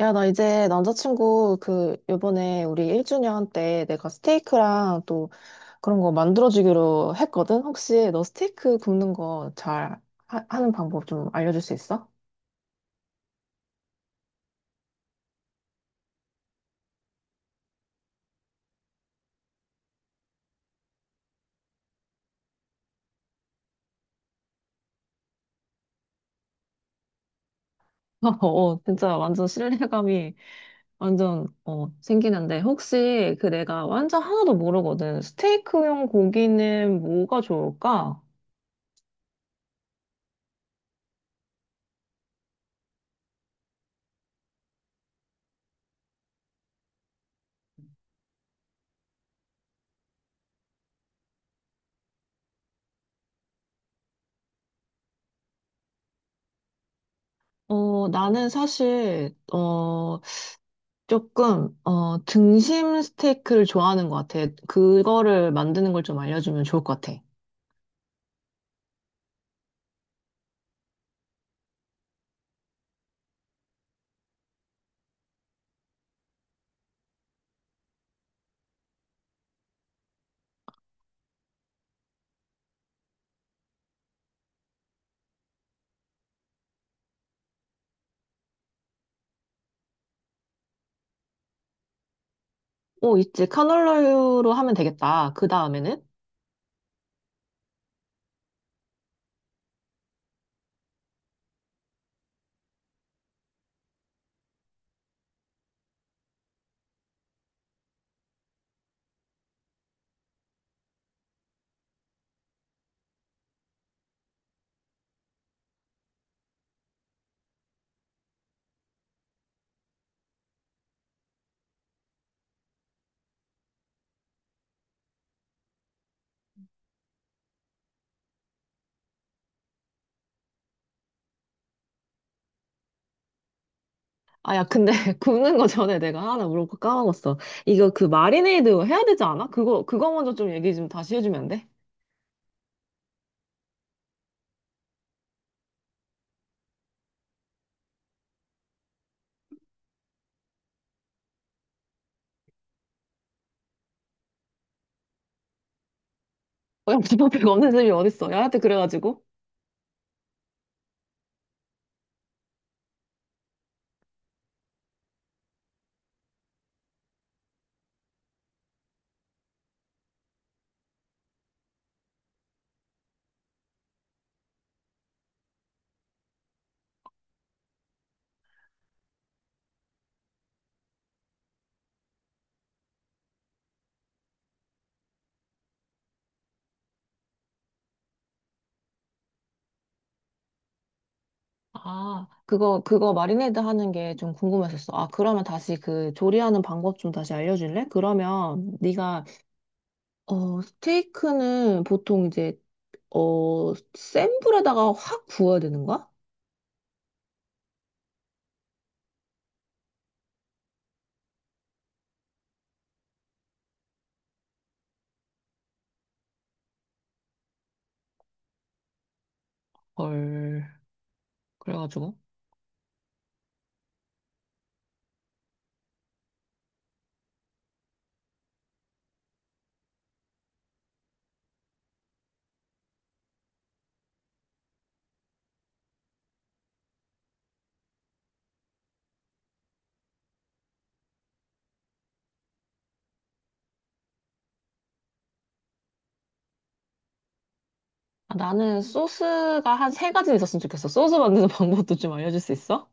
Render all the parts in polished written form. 야, 나 이제 남자친구 그 요번에 우리 1주년 때 내가 스테이크랑 또 그런 거 만들어주기로 했거든? 혹시 너 스테이크 굽는 거 잘 하는 방법 좀 알려줄 수 있어? 진짜 완전 신뢰감이 완전 생기는데 혹시 그 내가 완전 하나도 모르거든. 스테이크용 고기는 뭐가 좋을까? 나는 사실 등심 스테이크를 좋아하는 것 같아. 그거를 만드는 걸 좀 알려주면 좋을 것 같아. 오, 있지. 카놀라유로 하면 되겠다. 그 다음에는? 아, 야, 근데 굽는 거 전에 내가 하나 물어볼고 까먹었어. 이거 그 마리네이드 해야 되지 않아? 그거 먼저 좀 얘기 좀 다시 해주면 안 돼? 어, 야, 비법이 없는 집이 어딨어. 야한테 그래가지고. 아, 그거 마리네이드 하는 게 좀 궁금했었어. 아, 그러면 다시 그 조리하는 방법 좀 다시 알려줄래? 그러면 네가 어, 스테이크는 어, 센 불에다가 확 구워야 되는 거야? 헐. 그래가지고. 아, 나는 소스가 한 세 가지 있었으면 좋겠어. 소스 만드는 방법도 좀 알려줄 수 있어?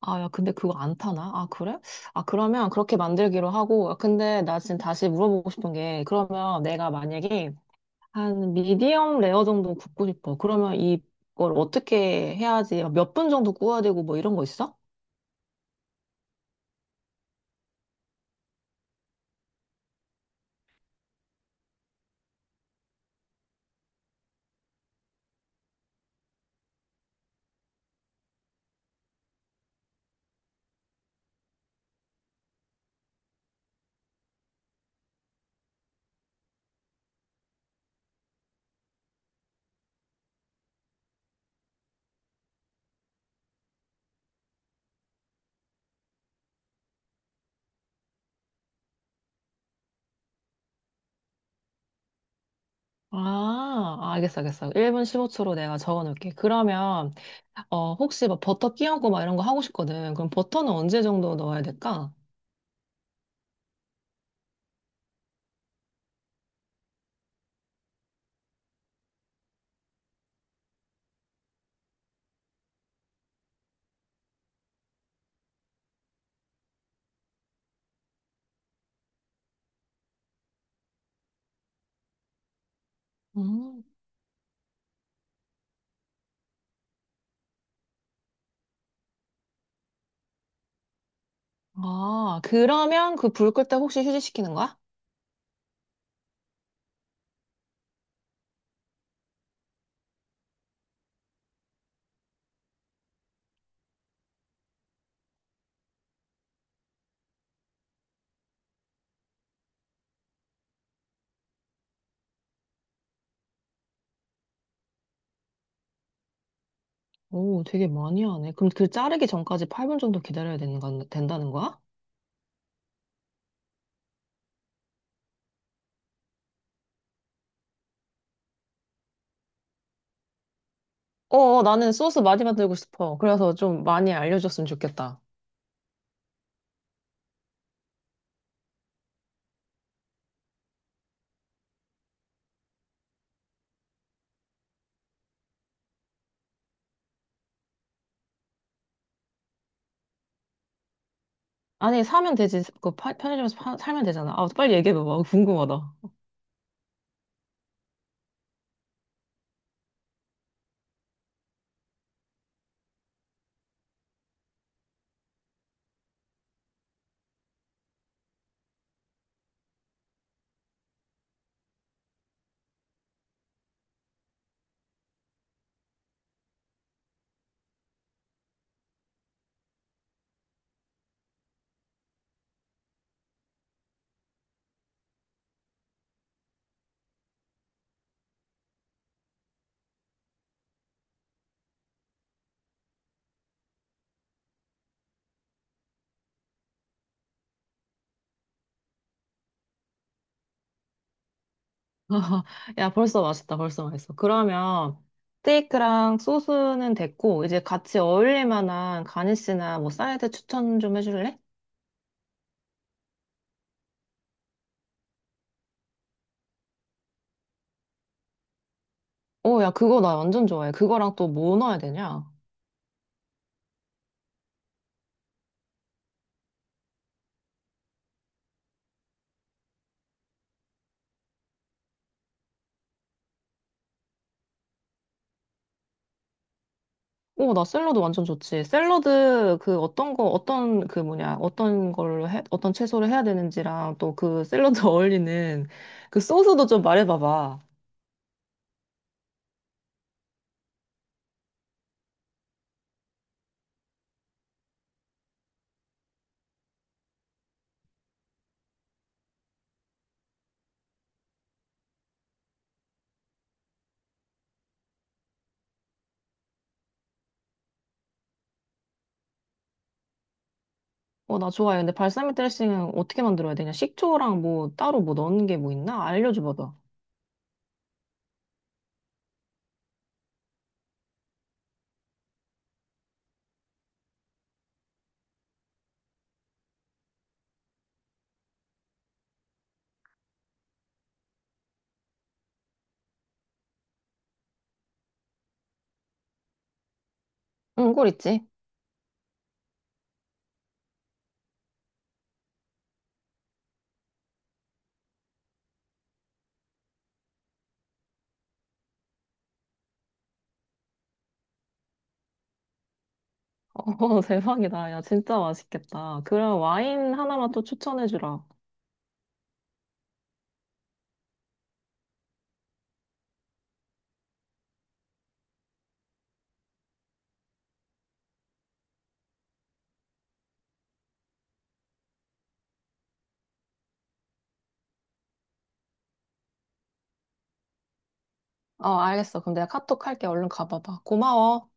아, 야, 근데 그거 안 타나? 아, 그래? 아, 그러면 그렇게 만들기로 하고. 아, 근데 나 지금 다시 물어보고 싶은 게, 그러면 내가 만약에 한 미디엄 레어 정도 굽고 싶어. 그러면 이걸 어떻게 해야지? 몇 분 정도 구워야 되고 뭐 이런 거 있어? 아, 알겠어. 1분 15초로 내가 적어 놓을게. 어, 혹시 막 버터 끼얹고 막 이런 거 하고 싶거든. 그럼 버터는 언제 정도 넣어야 될까? 음. 아, 그러면 그 불 끌 때 혹시 휴지시키는 거야? 오, 되게 많이 하네. 그럼 그 자르기 전까지 8분 정도 기다려야 된다는 거야? 어, 어, 나는 소스 많이 만들고 싶어. 그래서 좀 많이 알려줬으면 좋겠다. 아니, 사면 되지. 그 파- 편의점에서 파- 사면 되잖아. 아, 빨리 얘기해봐봐. 궁금하다. 야, 벌써 맛있다. 벌써 맛있어. 그러면 스테이크랑 소스는 됐고 이제 같이 어울릴 만한 가니쉬나 뭐 사이드 추천 좀 해줄래? 오, 야, 그거 나 완전 좋아해. 그거랑 또 뭐 넣어야 되냐? 오, 나 샐러드 완전 좋지. 샐러드 그 어떤 거 어떤 그 뭐냐 어떤 걸로 해 어떤 채소를 해야 되는지랑 또 그 샐러드 어울리는 그 소스도 좀 말해봐봐. 어, 나 좋아해. 근데 발사믹 드레싱은 어떻게 만들어야 되냐? 식초랑 뭐 따로 뭐 넣는 게 뭐 있나? 알려줘봐봐. 응, 꿀 있지. 어, 대박이다. 야, 진짜 맛있겠다. 그럼 와인 하나만 또 추천해주라. 어, 알겠어. 그럼 내가 카톡 할게. 얼른 가봐봐. 고마워.